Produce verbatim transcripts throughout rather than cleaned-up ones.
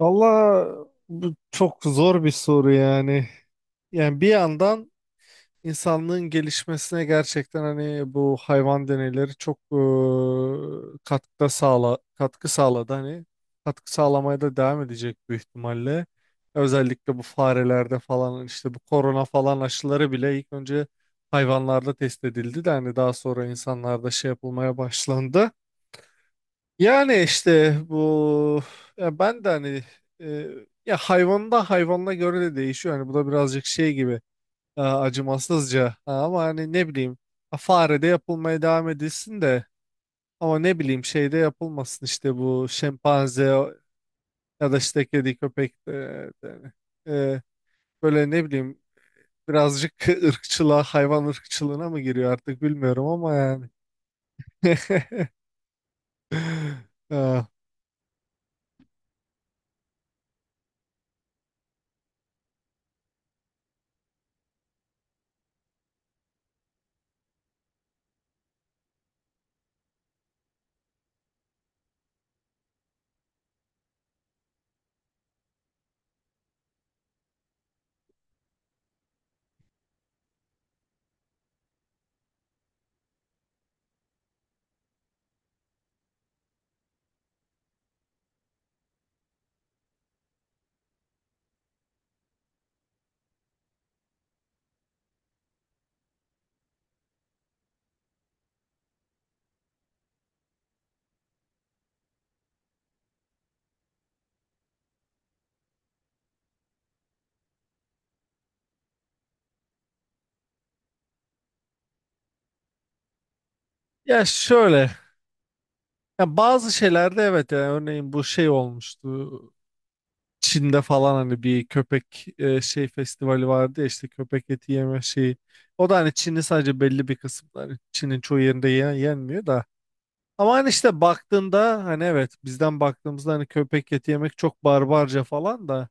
Valla bu çok zor bir soru yani. Yani bir yandan insanlığın gelişmesine gerçekten hani bu hayvan deneyleri çok eee, katkıda sağla katkı sağladı, hani katkı sağlamaya da devam edecek büyük ihtimalle. Özellikle bu farelerde falan işte bu korona falan aşıları bile ilk önce hayvanlarda test edildi de hani daha sonra insanlarda şey yapılmaya başlandı. Yani işte bu, ya ben de hani, e, ya hayvanda hayvanla göre de değişiyor. Hani bu da birazcık şey gibi, e, acımasızca. Ha, ama hani ne bileyim, ha, fare de yapılmaya devam edilsin de, ama ne bileyim şey de yapılmasın, işte bu şempanze ya da işte kedi köpek de, de- hani. e, Böyle ne bileyim, birazcık ırkçılığa, hayvan ırkçılığına mı giriyor artık bilmiyorum, ama yani. E, Ya şöyle. Ya bazı şeylerde evet, yani örneğin bu şey olmuştu. Çin'de falan hani bir köpek, e, şey festivali vardı ya, işte köpek eti yeme şeyi. O da hani Çin'in sadece belli bir kısımları. Hani Çin'in çoğu yerinde yen- yenmiyor da. Ama hani işte baktığında, hani evet, bizden baktığımızda hani köpek eti yemek çok barbarca falan da.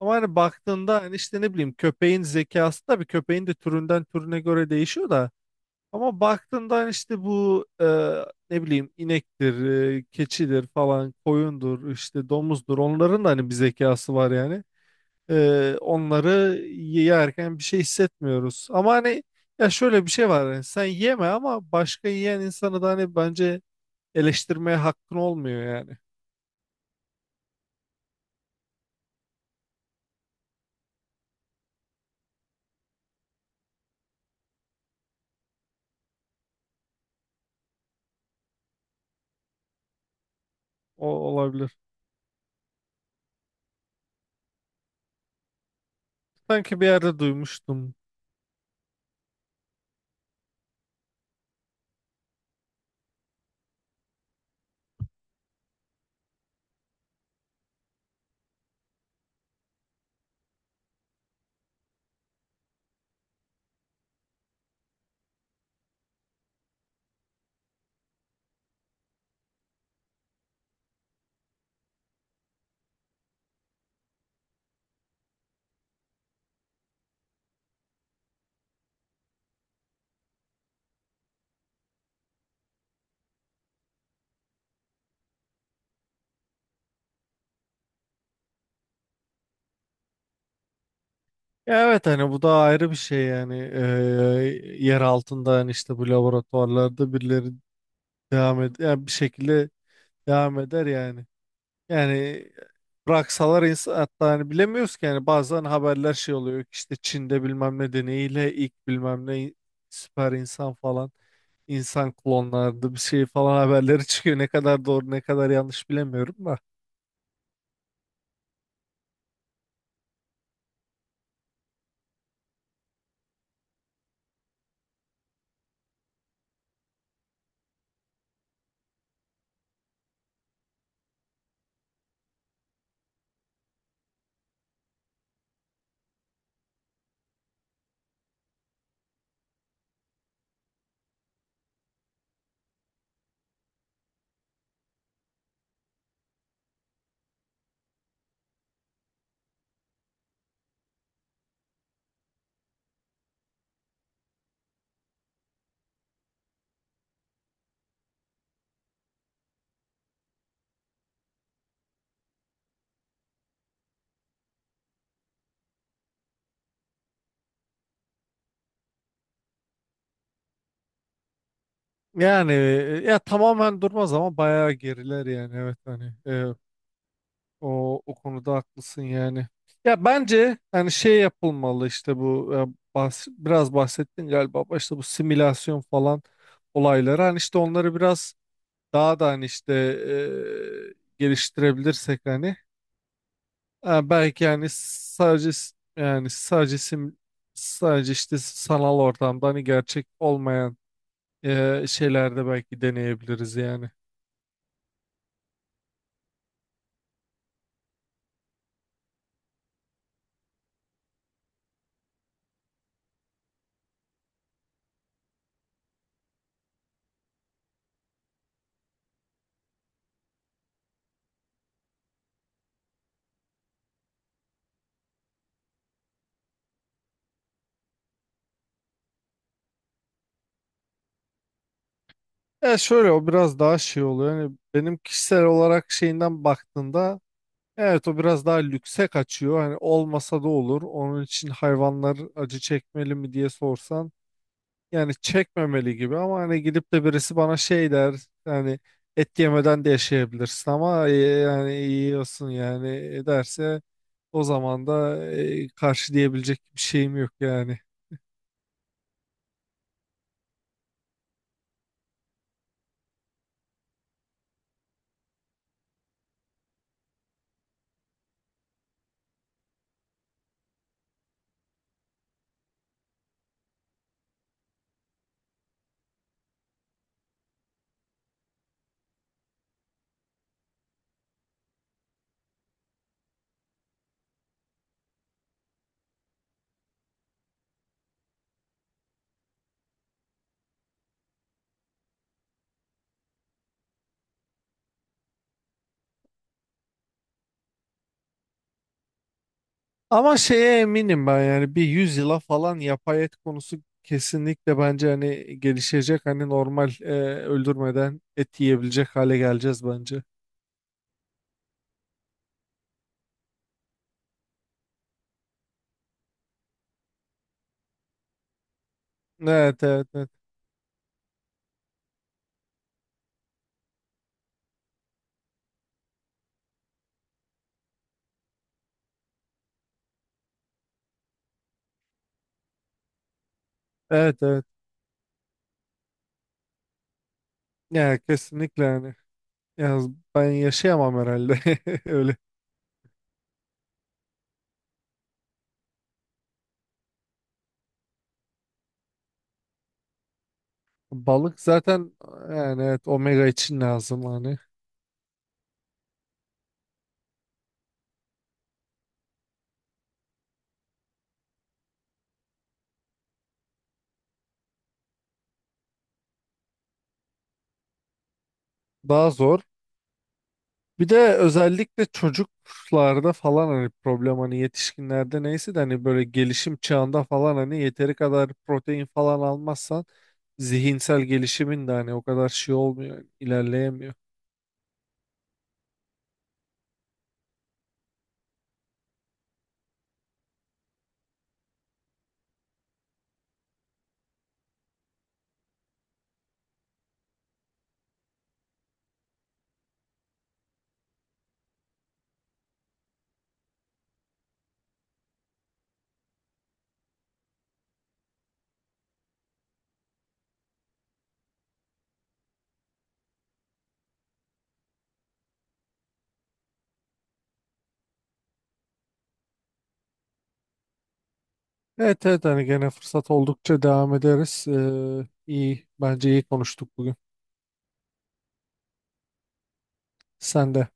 Ama hani baktığında hani işte ne bileyim, köpeğin zekası da, bir köpeğin de türünden türüne göre değişiyor da. Ama baktığında hani işte bu, e, ne bileyim inektir, e, keçidir falan, koyundur, işte domuzdur. Onların da hani bir zekası var yani. E, onları yerken bir şey hissetmiyoruz. Ama hani, ya şöyle bir şey var. Yani sen yeme, ama başka yiyen insanı da hani bence eleştirmeye hakkın olmuyor yani. O olabilir. Sanki bir yerde duymuştum. Ya evet, hani bu da ayrı bir şey yani. E, yer altında hani işte bu laboratuvarlarda birileri devam et, yani bir şekilde devam eder yani. Yani bıraksalar insan, hatta hani bilemiyoruz ki yani, bazen haberler şey oluyor ki, işte Çin'de bilmem ne deneyiyle ilk bilmem ne süper insan falan, insan klonlardı bir şey falan haberleri çıkıyor. Ne kadar doğru ne kadar yanlış bilemiyorum da. Yani e, ya tamamen durmaz ama bayağı geriler yani, evet hani. e, O, o konuda haklısın yani. Ya bence hani şey yapılmalı, işte bu, e, bahs- biraz bahsettin galiba başta, bu simülasyon falan olayları hani işte onları biraz daha da hani işte, e, geliştirebilirsek hani, e, belki yani sadece s- yani sadece sim sadece işte sanal ortamda hani gerçek olmayan e, şeylerde belki deneyebiliriz yani. Ya şöyle, o biraz daha şey oluyor. Hani benim kişisel olarak şeyinden baktığında evet, o biraz daha lükse kaçıyor. Hani olmasa da olur. Onun için hayvanlar acı çekmeli mi diye sorsan, yani çekmemeli gibi, ama hani gidip de birisi bana şey der yani, et yemeden de yaşayabilirsin ama, e, yani yiyorsun yani, e, derse o zaman da e, karşı diyebilecek bir şeyim yok yani. Ama şeye eminim ben, yani bir yüz yıla falan yapay et konusu kesinlikle bence hani gelişecek. Hani normal, e, öldürmeden et yiyebilecek hale geleceğiz bence. Evet, evet, evet. Evet, evet. Yani kesinlikle yani. Ya, ben yaşayamam herhalde öyle. Balık zaten, yani evet, omega için lazım hani. Daha zor. Bir de özellikle çocuklarda falan hani problem, hani yetişkinlerde neyse de, hani böyle gelişim çağında falan hani yeteri kadar protein falan almazsan zihinsel gelişimin de hani o kadar şey olmuyor, ilerleyemiyor. Evet evet, hani gene fırsat oldukça devam ederiz. Ee, iyi, bence iyi konuştuk bugün. Sen de.